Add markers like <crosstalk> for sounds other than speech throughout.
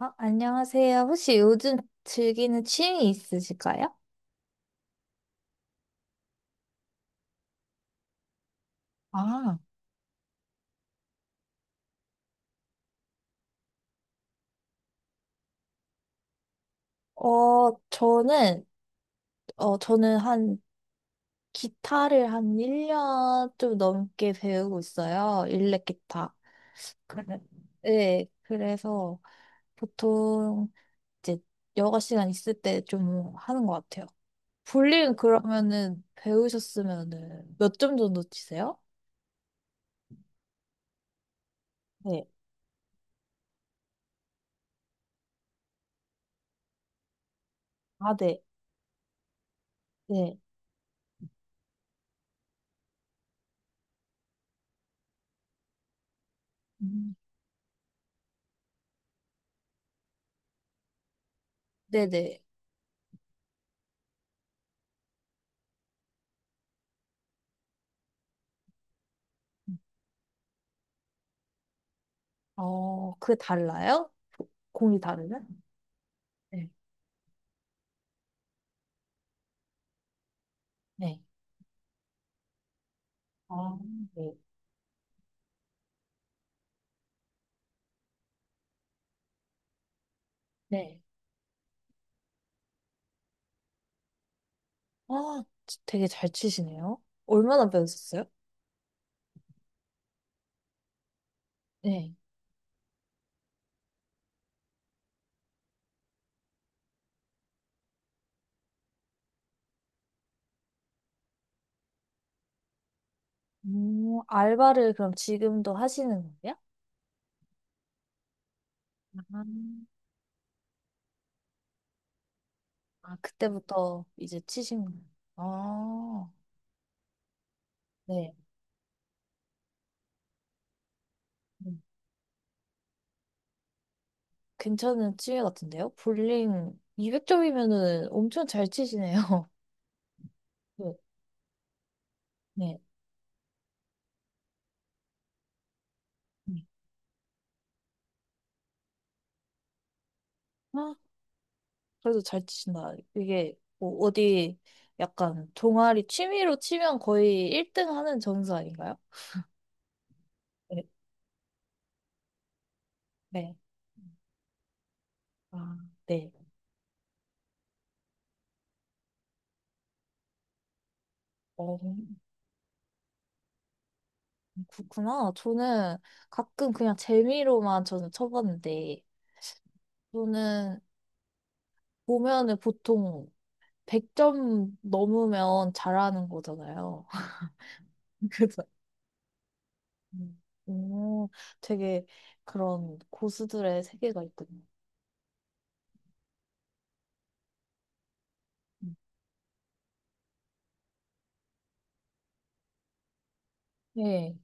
안녕하세요. 혹시 요즘 즐기는 취미 있으실까요? 아, 어, 저는, 어, 저는 한, 기타를 한 1년 좀 넘게 배우고 있어요. 일렉 기타. 그래. 네, 그래서 보통 이제 여가 시간 있을 때 좀 하는 것 같아요. 볼링 그러면은 배우셨으면은 몇 점 정도 치세요? 네. 아, 네. 네. 음. 네네. 그게 달라요? 공이 다르면? 네. 네. 아, 네. 네. 아, 되게 잘 치시네요. 얼마나 배우셨어요? 네. 알바를 그럼 지금도 하시는 거예요? 아, 아, 그때부터 이제 치신 거예요? 아, 네. 음, 괜찮은 취미 같은데요? 볼링 200점이면은 엄청 잘 치시네요. <laughs> 네 네. 네. 그래도 잘 치신다. 이게 뭐 어디 약간 동아리 취미로 치면 거의 1등 하는 점수 아닌가요? 네. 네. 아, 네. 어, 그렇구나. 저는 가끔 그냥 재미로만 저는 쳐봤는데, 저는 보면은 보통 100점 넘으면 잘하는 거잖아요. <laughs> 그래서, 오, 되게 그런 고수들의 세계가 있군요. 음. 네.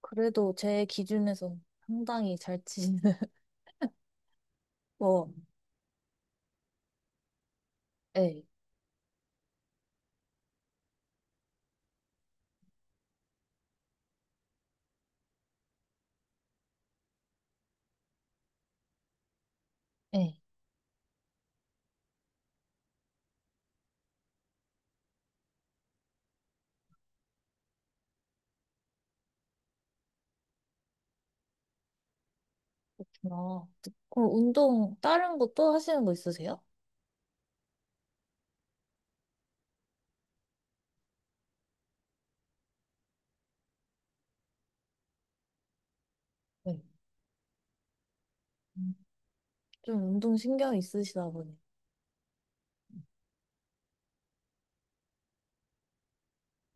그래도 제 기준에서 상당히 잘 치시는, <laughs> 뭐, 예, 예. 어, 그럼 운동, 다른 거 또 하시는 거 있으세요? 네. 음, 좀 운동 신경 있으시다 보니.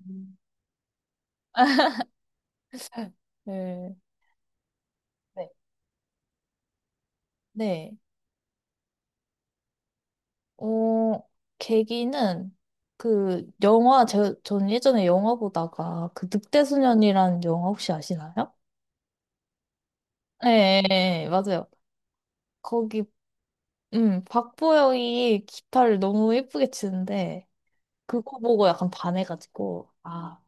음. <laughs> 네. 네. 네. 어, 계기는 그 영화, 전 예전에 영화 보다가 그 늑대소년이라는 영화 혹시 아시나요? 네, 네, 맞아요. 거기, 박보영이 기타를 너무 예쁘게 치는데, 그거 보고 약간 반해가지고, 아,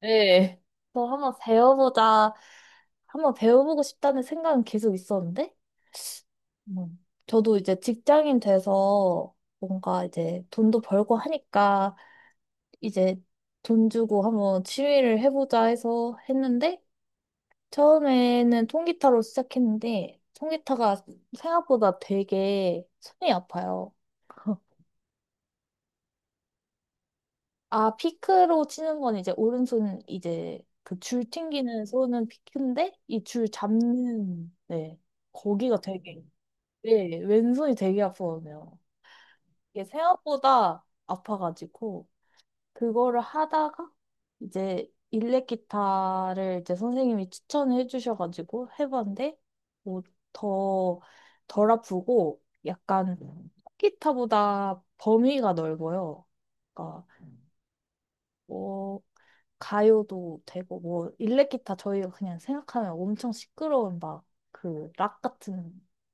네. 또 한번 배워보자. 한번 배워보고 싶다는 생각은 계속 있었는데, 음. 저도 이제 직장인 돼서 뭔가 이제 돈도 벌고 하니까 이제 돈 주고 한번 취미를 해보자 해서 했는데, 처음에는 통기타로 시작했는데, 통기타가 생각보다 되게 손이 아파요. 아, 피크로 치는 건 이제 오른손 이제 그 줄 튕기는 손은 피크인데 이 줄 잡는 네. 거기가 되게 네, 왼손이 되게 아프거든요. 이게 생각보다 아파가지고 그거를 하다가 이제 일렉 기타를 이제 선생님이 추천해 주셔가지고 해봤는데 뭐 더 덜 아프고 약간 기타보다 범위가 넓어요. 그러니까 어, 가요도 되고 뭐 일렉기타 저희가 그냥 생각하면 엄청 시끄러운 막 그 락 같은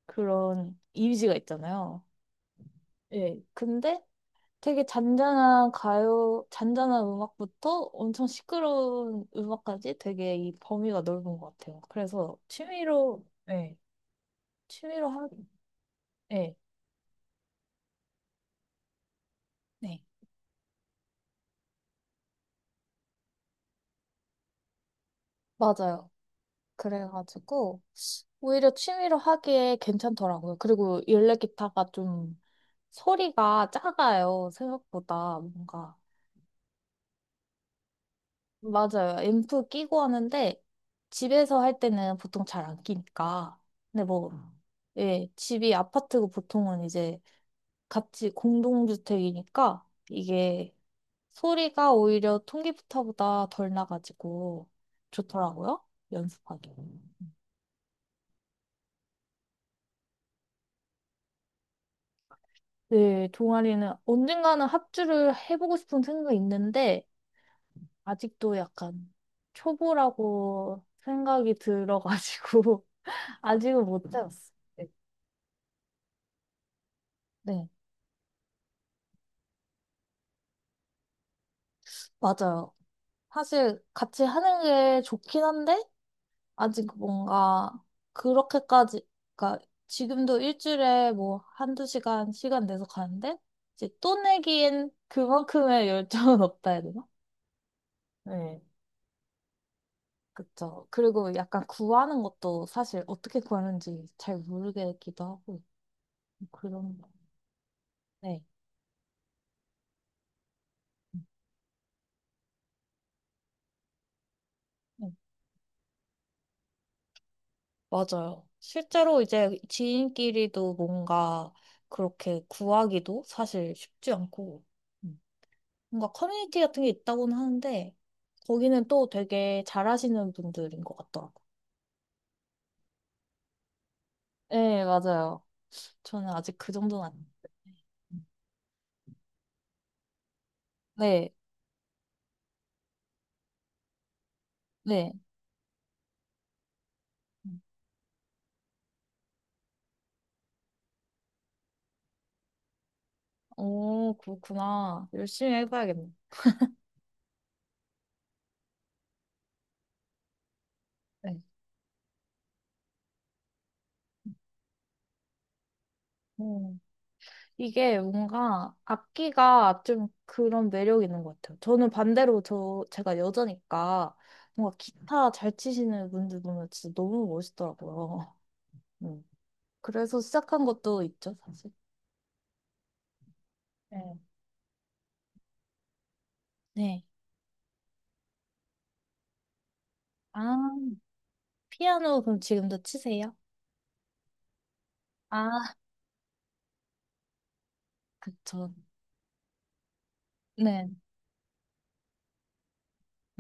그런 이미지가 있잖아요. 예. 근데 되게 잔잔한 가요, 잔잔한 음악부터 엄청 시끄러운 음악까지 되게 이 범위가 넓은 것 같아요. 그래서 취미로, 네, 취미로 하, 네, 네, 맞아요. 그래가지고 오히려 취미로 하기에 괜찮더라고요. 그리고 일렉 기타가 좀 소리가 작아요, 생각보다. 뭔가. 맞아요. 앰프 끼고 하는데, 집에서 할 때는 보통 잘 안 끼니까. 근데 뭐, 예, 집이 아파트고 보통은 이제 같이 공동주택이니까, 이게 소리가 오히려 통기타보다 덜 나가지고 좋더라고요, 연습하기. 네, 동아리는 언젠가는 합주를 해보고 싶은 생각이 있는데, 아직도 약간 초보라고 생각이 들어가지고 <laughs> 아직은 못 해봤어. 네. 네, 맞아요. 사실 같이 하는 게 좋긴 한데 아직 뭔가 그렇게까지 그러니까 지금도 일주일에 뭐 한두 시간 내서 가는데 이제 또 내기엔 그만큼의 열정은 <laughs> 없다 해야 되나? 네. 그쵸. 그리고 약간 구하는 것도 사실 어떻게 구하는지 잘 모르겠기도 하고 뭐 그런 거. 네. 음. 네. 맞아요. 실제로 이제 지인끼리도 뭔가 그렇게 구하기도 사실 쉽지 않고, 음, 뭔가 커뮤니티 같은 게 있다고는 하는데, 거기는 또 되게 잘하시는 분들인 것 같더라고요. 네, 맞아요. 저는 아직 그 정도는 아닌데. 네, 네. 오, 그렇구나. 열심히 해봐야겠네. 네. 음. 이게 뭔가 악기가 좀 그런 매력이 있는 것 같아요. 저는 반대로 제가 여자니까 뭔가 기타 잘 치시는 분들 보면 진짜 너무 멋있더라고요. <laughs> 음. 그래서 시작한 것도 있죠, 사실. 네. 네. 아, 피아노 그럼 지금도 치세요? 아, 그쵸. 네.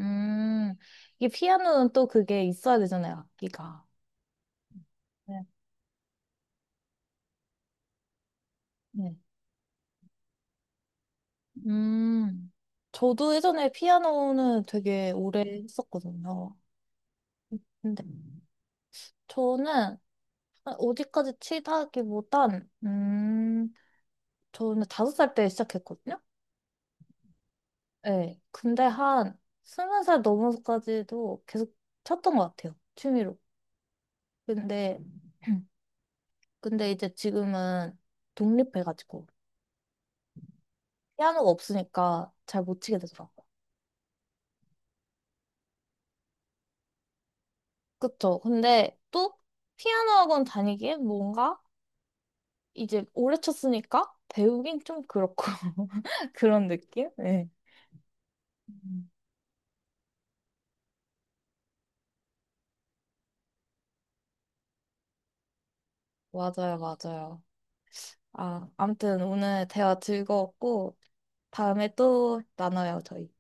음, 이게 피아노는 또 그게 있어야 되잖아요, 악기가. 네. 네. 음, 저도 예전에 피아노는 되게 오래 했었거든요. 근데 저는 어디까지 치다기보단, 저는 5살 때 시작했거든요? 네. 근데 한 20살 넘어서까지도 계속 쳤던 것 같아요. 취미로. 근데, <clears throat> 근데 이제 지금은 독립해가지고, 피아노가 없으니까 잘 못 치게 되더라고요. 그쵸. 근데 또 피아노 학원 다니기엔 뭔가 이제 오래 쳤으니까 배우긴 좀 그렇고, <laughs> 그런 느낌? 네. 맞아요, 맞아요. 아, 아무튼 오늘 대화 즐거웠고, 다음에 또 나눠요, 저희.